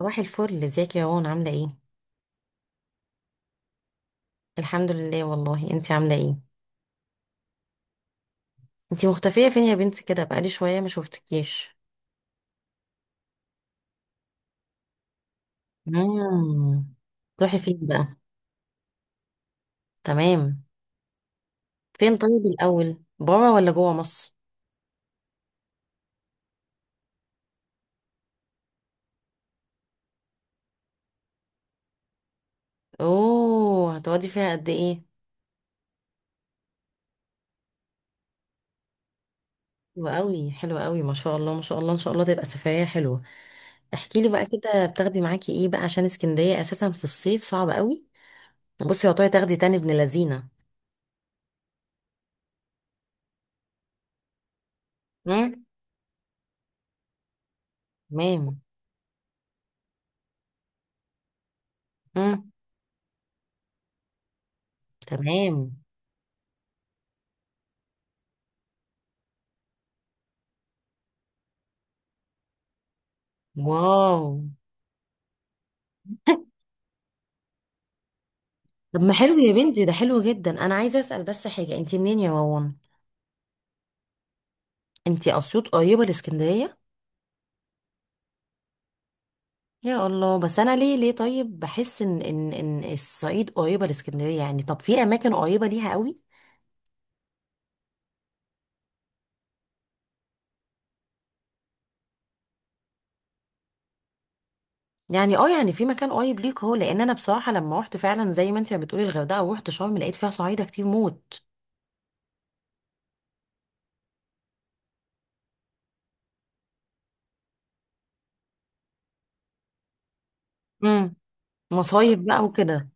صباح الفل، ازيك يا روان؟ عاملة ايه؟ الحمد لله، والله انتي عاملة ايه؟ انتي مختفية فين يا بنتي كده؟ بقالي شوية ما شفتكيش. مم. تروحي فين بقى؟ تمام. فين طيب الأول؟ برا ولا جوا مصر؟ اوه، هتقعدي فيها قد ايه؟ حلوة قوي حلوة قوي، ما شاء الله ما شاء الله، ان شاء الله تبقى سفرية حلوة. احكي لي بقى كده، بتاخدي معاكي ايه بقى؟ عشان اسكندرية اساسا في الصيف صعب قوي. بصي يا طارق تاخدي تاني ابن لذينة. مم. تمام. مم. تمام. واو. طب ما حلو يا بنتي، ده حلو جدا. انا عايزه اسال بس حاجه، انت منين يا وون؟ انت اسيوط قريبه لاسكندريه؟ يا الله، بس انا ليه ليه طيب بحس ان الصعيد قريبه لاسكندريه يعني؟ طب في اماكن قريبه ليها قوي. يعني اه يعني في مكان قريب ليك، هو لان انا بصراحه لما رحت فعلا زي ما انت بتقولي الغردقه ورحت شرم لقيت فيها صعايده كتير موت. امم. مصايب بقى وكده.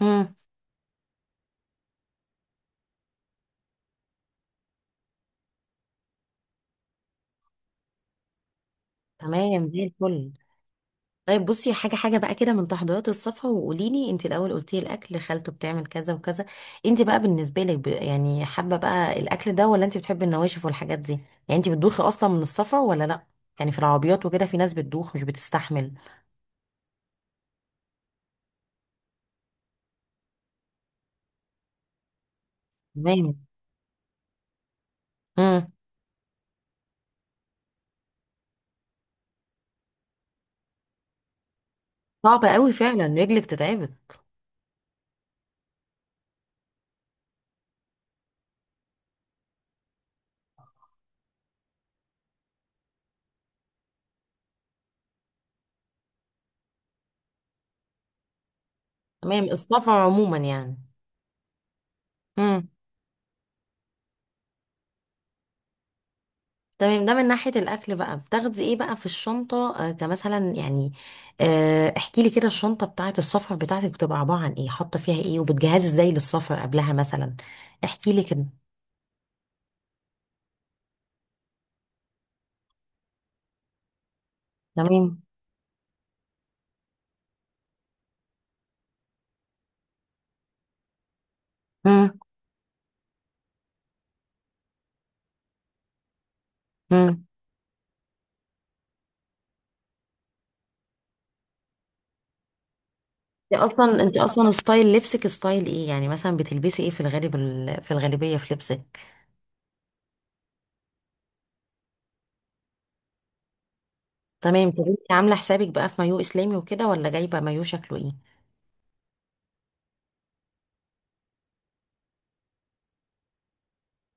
امم. تمام زي الفل. طيب بصي حاجة حاجة بقى كده من تحضيرات الصفحة، وقولي لي انت الأول قلتي الأكل خالته بتعمل كذا وكذا. انت بقى بالنسبة لك يعني حابة بقى الأكل ده، ولا انت بتحبي النواشف والحاجات دي؟ يعني انت بتدوخي أصلا من السفر ولا لأ؟ يعني في العربيات وكده في ناس بتدوخ مش بتستحمل. تمام. امم. صعب قوي فعلا، رجلك تتعبك. تمام، السفر عموما يعني. امم. تمام. ده من ناحية الأكل بقى، بتاخدي إيه بقى في الشنطة آه كمثلا يعني؟ آه احكي لي كده، الشنطة بتاعة السفر بتاعتك بتبقى عبارة عن إيه؟ حاطة فيها إيه؟ وبتجهزي إزاي للسفر قبلها مثلا؟ احكي لي كده. تمام. مم. مم. انت أصلا، أنت أصلا ستايل لبسك ستايل إيه يعني؟ مثلا بتلبسي إيه في الغالب في الغالبية في لبسك؟ تمام. طب أنت عاملة حسابك بقى في مايو إسلامي وكده، ولا جايبة مايو شكله إيه؟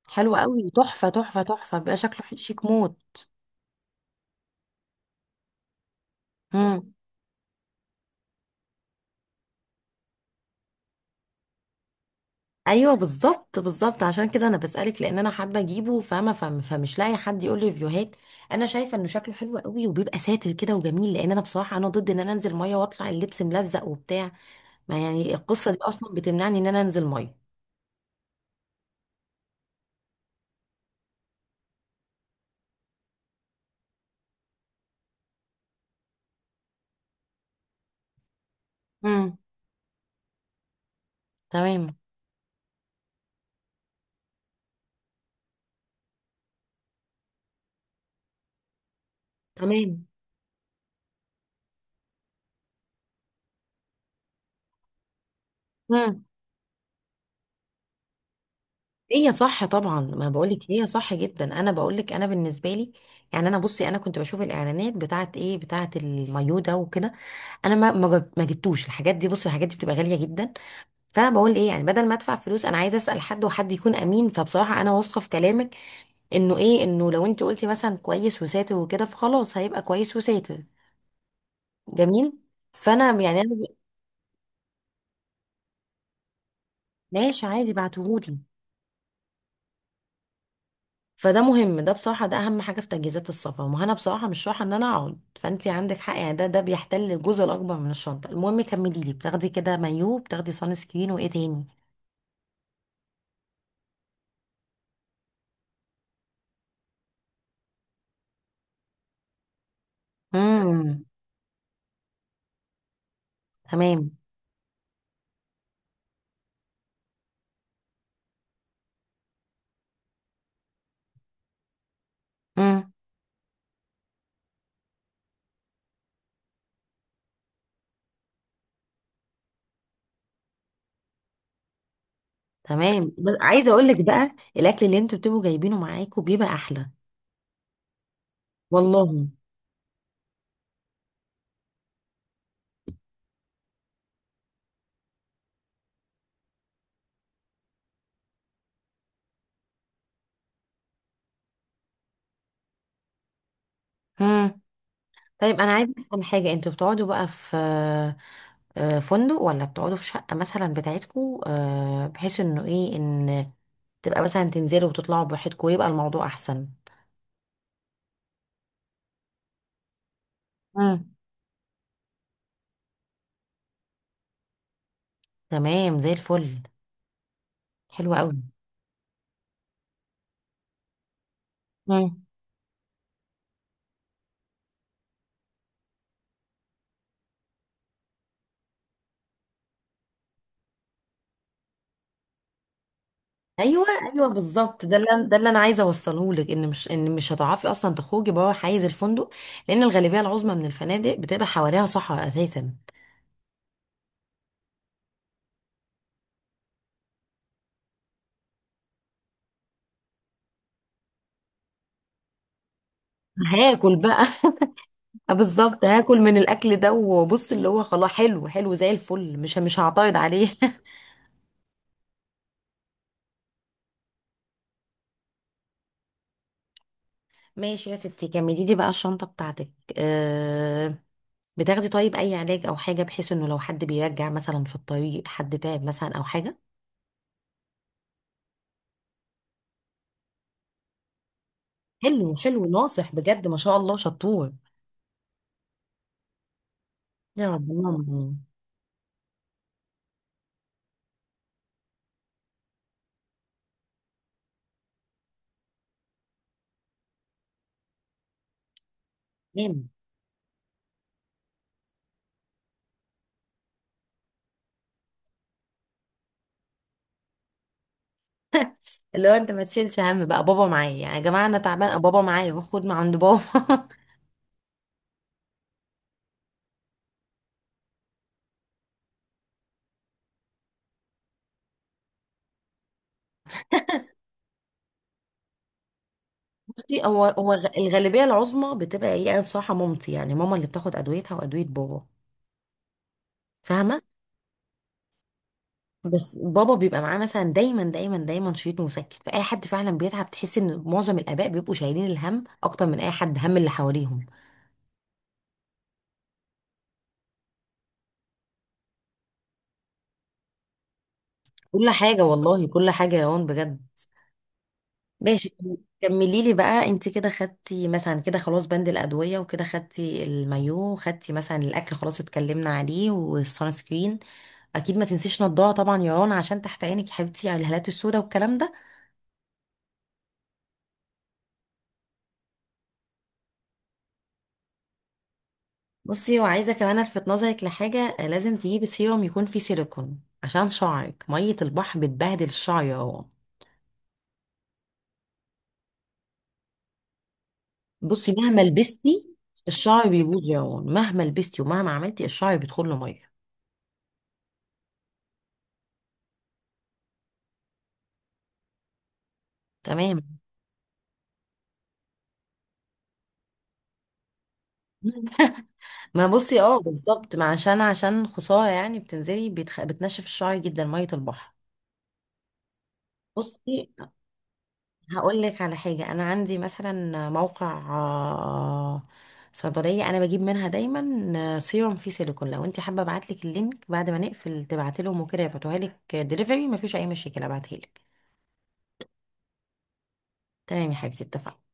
حلو قوي، تحفة تحفة تحفة، بيبقى شكله شيك موت. مم. ايوه بالظبط بالظبط، عشان كده انا بسالك لان انا حابه اجيبه فاهمه، فمش لاقي حد يقول لي ريفيوهات. انا شايفه انه شكله حلو قوي وبيبقى ساتر كده وجميل، لان انا بصراحه انا ضد ان انا انزل ميه واطلع اللبس ملزق وبتاع. ما يعني القصه دي اصلا بتمنعني ان انا انزل ميه. امم. تمام. تمام. امم. هي صح طبعا، ما بقولك هي صح جدا. انا بقولك انا بالنسبه لي يعني انا. بصي انا كنت بشوف الاعلانات بتاعت ايه بتاعت المايو ده وكده. انا ما جبتوش الحاجات دي، بصي الحاجات دي بتبقى غاليه جدا. فانا بقول ايه يعني، بدل ما ادفع فلوس انا عايزه اسال حد، وحد يكون امين فبصراحه انا واثقه في كلامك. انه ايه، انه لو انت قلتي مثلا كويس وساتر وكده فخلاص هيبقى كويس وساتر. جميل. فانا يعني انا. ماشي عادي بعتهولي. فده مهم، ده بصراحه ده اهم حاجه في تجهيزات السفر. ما انا بصراحه مش رايحه ان انا اقعد، فانت عندك حق يعني. ده بيحتل الجزء الاكبر من الشنطه. المهم كملي لي، بتاخدي كده مايو، بتاخدي سان سكرين، وايه تاني؟ امم. تمام. تمام، بس عايزه اقول لك بقى الاكل اللي انتوا بتبقوا جايبينه معاكم بيبقى احلى. والله. مم. طيب انا عايزه افهم حاجه، انتوا بتقعدوا بقى في فندق، ولا بتقعدوا في شقه مثلا بتاعتكم، بحيث انه ايه ان تبقى مثلا تنزلوا وتطلعوا براحتكم ويبقى الموضوع احسن؟ مم. تمام زي الفل. حلو قوي. ايوه. ايوه بالظبط، ده اللي انا عايزه اوصله لك، ان مش ان مش هتعرفي اصلا تخرجي بره حيز الفندق، لان الغالبيه العظمى من الفنادق بتبقى حواليها صحراء اساسا. هاكل بقى. آه بالظبط، هاكل من الاكل ده وبص اللي هو خلاص حلو حلو زي الفل، مش هعترض عليه. ماشي يا ستي، كملي لي بقى الشنطه بتاعتك. أه، بتاخدي طيب اي علاج او حاجه، بحيث انه لو حد بيرجع مثلا في الطريق حد تعب مثلا او حاجه؟ حلو حلو، ناصح بجد ما شاء الله، شطور. يا رب اللهم آمين. اللي هو انت ما تشيلش هم، بقى بابا معايا يعني، يا جماعه انا تعبان بابا معايا، باخد من عند بابا. بصي، هو الغالبيه العظمى بتبقى ايه، انا بصراحه مامتي يعني، ماما اللي بتاخد ادويتها وادويه بابا، فاهمه؟ بس بابا بيبقى معاه مثلا دايما دايما دايما شريط مسكن، فاي حد فعلا بيتعب. تحس ان معظم الاباء بيبقوا شايلين الهم اكتر من اي حد هم اللي حواليهم. كل حاجه والله، كل حاجه يا هون بجد. ماشي. كملي لي بقى، انت كده خدتي مثلا كده خلاص بند الادويه وكده، خدتي المايو، خدتي مثلا الاكل خلاص اتكلمنا عليه، والسان سكرين اكيد ما تنسيش نضاره طبعا يا رنا عشان تحت عينك يا حبيبتي على الهالات السوداء والكلام ده. بصي، وعايزه كمان الفت نظرك لحاجه، لازم تجيبي سيروم يكون فيه سيليكون عشان شعرك، ميه البحر بتبهدل الشعر يا رنا. بصي مهما لبستي، الشعر بيبوظ يا رنا، مهما لبستي ومهما عملتي الشعر بيدخل له ميه. تمام. ما بصي اه بالظبط، ما عشان عشان خسارة يعني، بتنزلي بتنشف الشعر جدا مية البحر. بصي، هقول لك على حاجة، أنا عندي مثلا موقع صيدلية أنا بجيب منها دايما سيروم فيه سيليكون، لو أنت حابة أبعتلك اللينك بعد ما نقفل تبعتلهم وكده يبعتوها لك دليفري مفيش أي مشكلة أبعتهالك. تمام يا حبيبتي اتفقنا.